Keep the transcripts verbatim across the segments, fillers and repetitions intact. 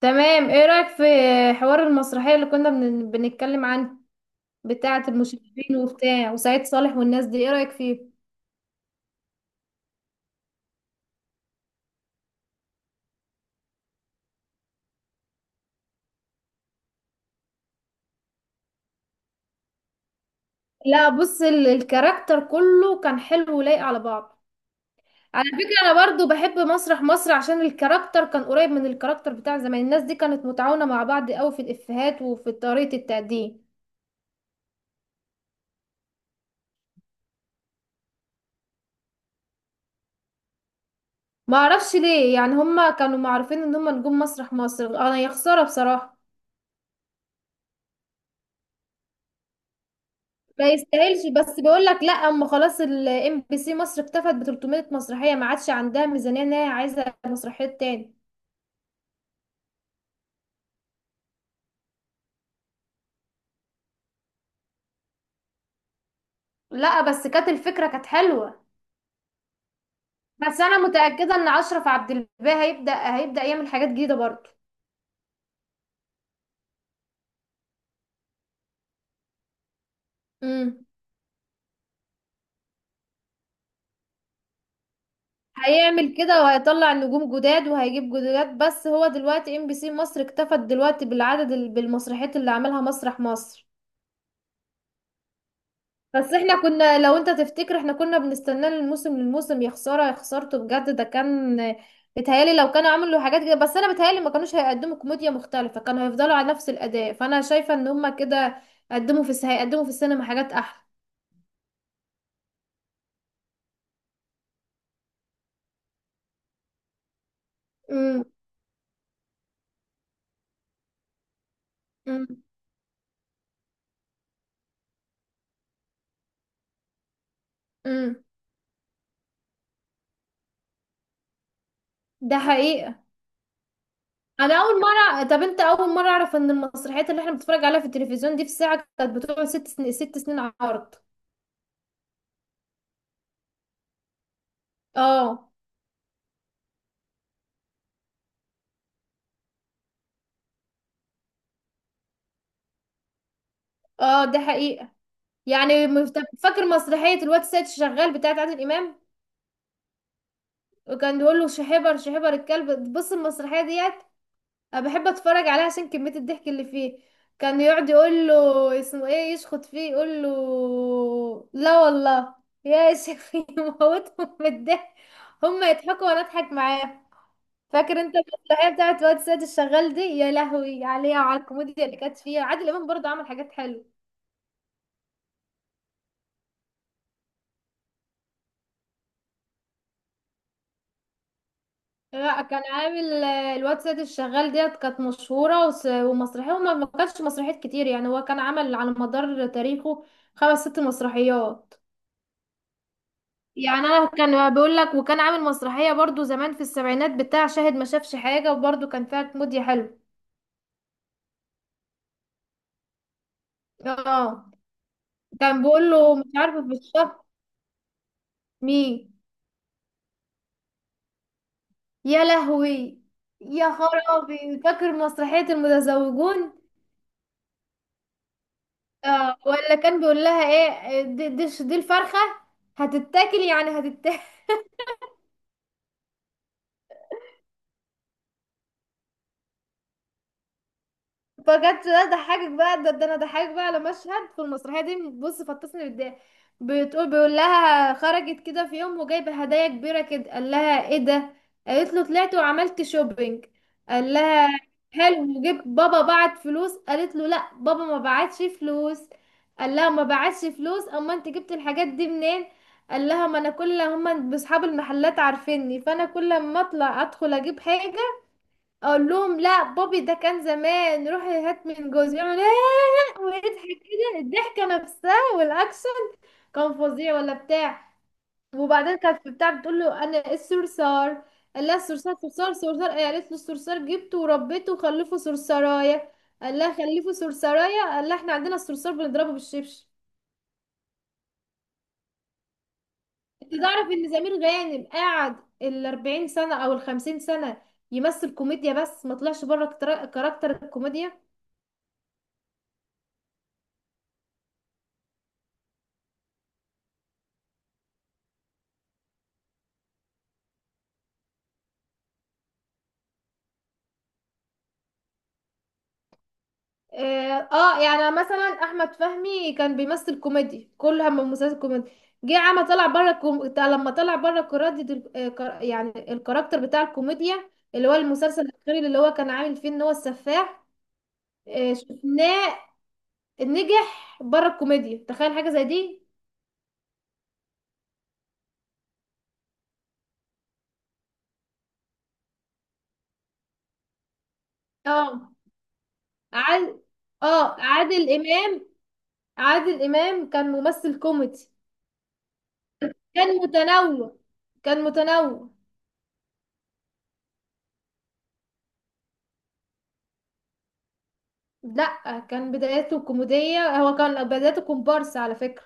تمام، ايه رأيك في حوار المسرحية اللي كنا بن- بنتكلم عنه، بتاعة المشرفين وبتاع وسعيد صالح والناس دي؟ ايه رأيك فيه؟ لا بص، ال- الكاركتر كله كان حلو ولايق على بعض. على فكرة انا برضو بحب مسرح مصر عشان الكاركتر كان قريب من الكاركتر بتاع زمان. الناس دي كانت متعاونة مع بعض قوي في الافيهات وفي طريقة التقديم. ما اعرفش ليه، يعني هما كانوا معروفين ان هما نجوم مسرح مصر. انا يا خسارة بصراحة ما يستاهلش. بس بيقول لك لا، اما خلاص الام بي سي مصر اكتفت ب تلت ميت مسرحيه، ما عادش عندها ميزانيه ان هي عايزه مسرحيات تاني. لا بس كانت الفكرة كانت حلوة. بس انا متاكده ان اشرف عبد الباقي هيبدا هيبدا يعمل حاجات جديده برضه. امم هيعمل كده وهيطلع نجوم جداد وهيجيب جداد، بس هو دلوقتي ام بي سي مصر اكتفت دلوقتي بالعدد ال- بالمسرحيات اللي عملها مسرح مصر. بس احنا كنا، لو انت تفتكر، احنا كنا بنستناه من الموسم للموسم. يا خساره يا خسارته بجد، ده كان بيتهيالي لو كانوا عملوا حاجات كده. بس انا بيتهيالي ما كانوش هيقدموا كوميديا مختلفه، كانوا هيفضلوا على نفس الاداء. فانا شايفه ان هما كده قدموا في الس- هيقدموا في السينما حاجات احلى. امم امم امم ده حقيقه. انا اول مره، طب انت اول مره اعرف ان المسرحيات اللي احنا بنتفرج عليها في التلفزيون دي في الساعه كانت بتقعد ست سنين، ست سنين عرض. اه. اه ده حقيقه. يعني مفت- فاكر مسرحية الواد سيد شغال بتاعت عادل إمام؟ وكان بيقول له شحبر، شحبر الكلب. بص المسرحية ديت أنا بحب أتفرج عليها عشان كمية الضحك اللي فيه. كان يقعد يقول له اسمه ايه، يشخط فيه يقول له لا والله، يا شيخ يموتهم من الضحك. هما يضحكوا وانا اضحك معاه. فاكر انت المسرحية بتاعت الواد سيد الشغال دي؟ يا لهوي عليها وعلى الكوميديا اللي كانت فيها. عادل إمام برضه عمل حاجات حلوة. لا كان عامل، آه، الواد سيد الشغال ديت كانت مشهورة وس- ومسرحية. وما ما كانش مسرحيات كتير يعني، هو كان عمل على مدار تاريخه خمس ست مسرحيات. يعني انا كان بقول لك، وكان عامل مسرحية برضو زمان في السبعينات بتاع شاهد ما شافش حاجة، وبرضو كان فيها كوميديا حلو. اه كان بيقول له مش عارفة في الشهر. مين؟ يا لهوي. يا خرابي، فاكر مسرحية المتزوجون؟ اه، ولا كان بيقول لها ايه، دي, دي, دي الفرخة هتتاكل، يعني هتتاكل. فجت، ده ضحكك بقى، ده, ده انا ضحكك بقى على مشهد في المسرحيه دي. بص فطسني بالضحك. بتقول بيقول لها، خرجت كده في يوم وجايبه هدايا كبيره كده قال لها ايه ده. قالت له طلعت وعملت شوبينج. قال لها حلو، وجبت بابا بعت فلوس؟ قالت له لا بابا ما بعتش فلوس. قال لها ما بعتش فلوس، اما انت جبت الحاجات دي منين؟ قال لها ما انا كل، هما اصحاب المحلات عارفيني، فانا كل ما اطلع ادخل اجيب حاجه اقول لهم لا بابي ده كان زمان روحي هات من جوزي. يعمل ايه ويضحك كده الضحكه نفسها والاكشن. كان فظيع ولا بتاع. وبعدين كانت في بتاع، بتقول له انا الصرصار. قال لها الصرصار، صرصار صرصار إيه؟ قالت له الصرصار جبته وربيته وخلفه صرصرايه. قال لها خلفه صرصرايه؟ قال لها احنا عندنا الصرصار بنضربه بالشبشب. انت تعرف ان سمير غانم قعد ال الأربعين سنه او ال الخمسين سنه يمثل كوميديا، بس ما طلعش بره كتر- كاركتر الكوميديا. اه، آه، يعني مثلا احمد فهمي كان بيمثل كوميدي، كل هم مسلسل كوميدي. جه عمل طلع بره كوم... لما طلع بره كرادة ال... آه، كر... يعني الكاركتر بتاع الكوميديا، اللي هو المسلسل الاخير اللي هو كان عامل فيه ان هو السفاح. آه، شفناه. نجح بره الكوميديا، تخيل حاجة زي دي. اه. عاد اه عادل امام، عادل امام كان ممثل كوميدي. كان متنوع. كان متنوع. لا كان بداياته كوميدية، هو كان بدايته كومبارس على فكرة.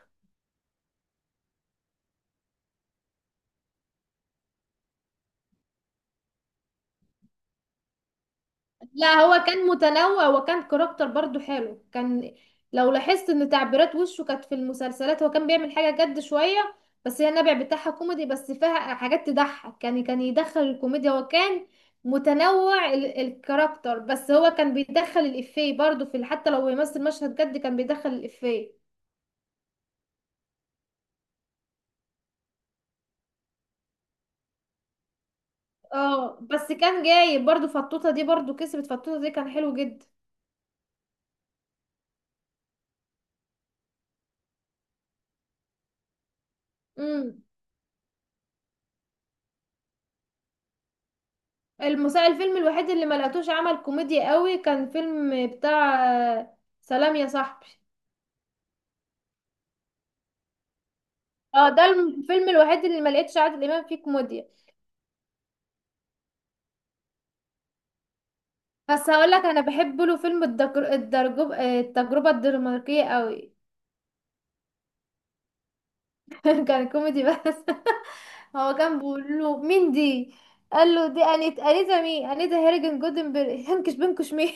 لا هو كان متنوع، وكان كاركتر برضو حلو. كان لو لاحظت ان تعبيرات وشه كانت في المسلسلات، هو كان بيعمل حاجة جد شوية بس هي النبع بتاعها كوميدي، بس فيها حاجات تضحك. كان كان يدخل الكوميديا. هو كان متنوع ال الكاركتر، بس هو كان بيدخل الإفيه برضو في ال- حتى لو بيمثل مشهد جد كان بيدخل الإفيه. اه، بس كان جايب برضو فطوطة دي، برضو كسبت فطوطة دي كان حلو جدا. المسا... الفيلم الوحيد اللي ما لقيتوش عمل كوميديا قوي كان فيلم بتاع، آه، سلام يا صاحبي. اه، ده الفيلم الوحيد اللي ما لقيتش عادل امام فيه كوميديا. بس هقول لك انا بحب له فيلم، الدجر... الدرجوب... آه، التجربه الدنماركيه قوي. كان كوميدي بس. هو كان بيقول له مين دي. قال له دي انيت، انيتا مين، انيتا هيرجن جودنبرج هنكش بنكش مين.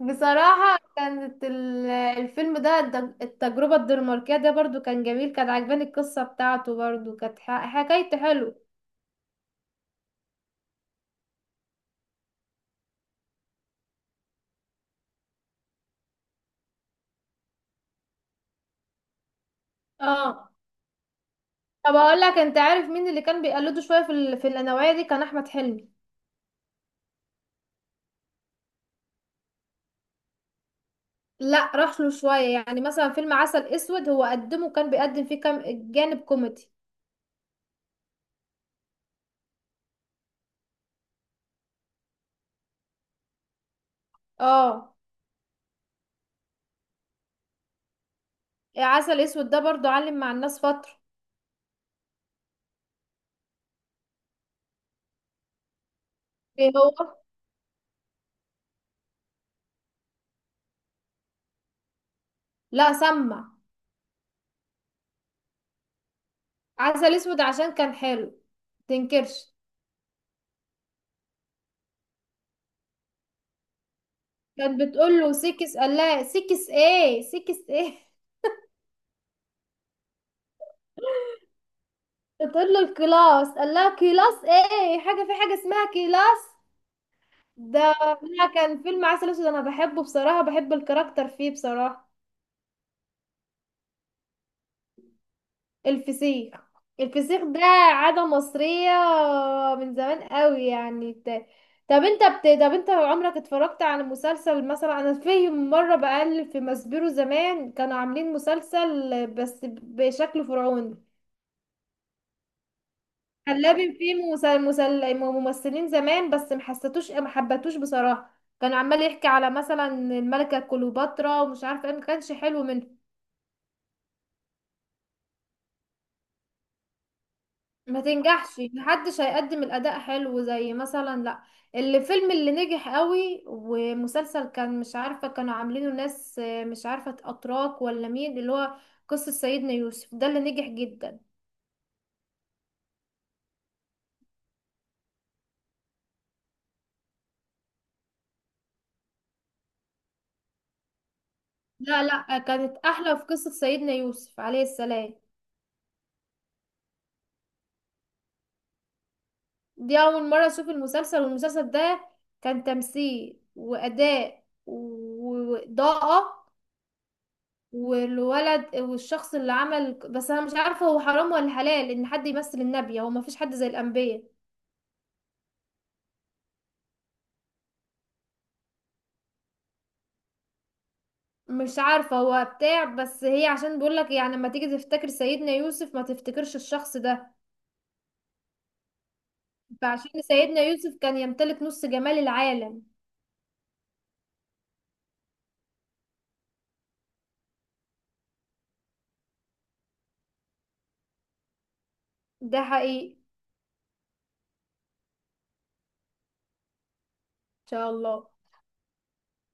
بصراحة كانت، ال- الفيلم ده، الد- التجربة الدنماركية ده برضو كان جميل. كان عجباني القصة بتاعته، برضو كانت ح- حكايته حلو. اه. طب اقول لك، انت عارف مين اللي كان بيقلده شوية في ال- في النوعية دي؟ كان احمد حلمي. لا راح له شوية، يعني مثلا فيلم عسل اسود هو قدمه، كان بيقدم فيه كام جانب كوميدي. اه، عسل اسود ده برضو علم مع الناس فترة. ايه هو؟ لا سمع. عسل اسود عشان كان حلو. تنكرش. كانت بتقول له سيكس، قال لها سيكس ايه، سيكس ايه؟ بتقول له الكلاس، قال لها كلاس ايه، حاجه في حاجه اسمها كلاس؟ ده لا، كان فيلم عسل اسود انا بحبه بصراحه، بحب الكاركتر فيه بصراحه. الفسيخ. الفسيخ ده عاده مصريه من زمان قوي، يعني ت- طب انت بت... طب انت عمرك اتفرجت على مسلسل مثلا؟ انا في مره بقلب في مسبيرو، زمان كانوا عاملين مسلسل بس بشكل فرعوني، حلابي فيه مسل- مسل- ممثلين زمان، بس محسيتوش، ما حبتوش بصراحة. كان عمال يحكي على مثلا الملكة كليوباترا ومش عارفة ايه، ما كانش حلو منه. ما تنجحش محدش هيقدم الأداء حلو زي مثلا، لا الفيلم اللي نجح قوي ومسلسل كان، مش عارفة كانوا عاملينه ناس، آه، مش عارفة أتراك ولا مين اللي هو قصة سيدنا يوسف، ده اللي نجح جدا. لا لا، كانت أحلى في قصة سيدنا يوسف عليه السلام. دي أول مرة أشوف المسلسل، والمسلسل ده كان تمثيل وأداء و- وإضاءة والولد، والشخص اللي عمل، بس أنا مش عارفة هو حرام ولا حلال إن حد يمثل النبي، هو مفيش حد زي الأنبياء. مش عارفة هو بتاع، بس هي عشان بيقولك يعني لما تيجي تفتكر سيدنا يوسف ما تفتكرش الشخص ده. فعشان سيدنا يوسف كان يمتلك نص جمال العالم. ده حقيقي، إن شاء الله.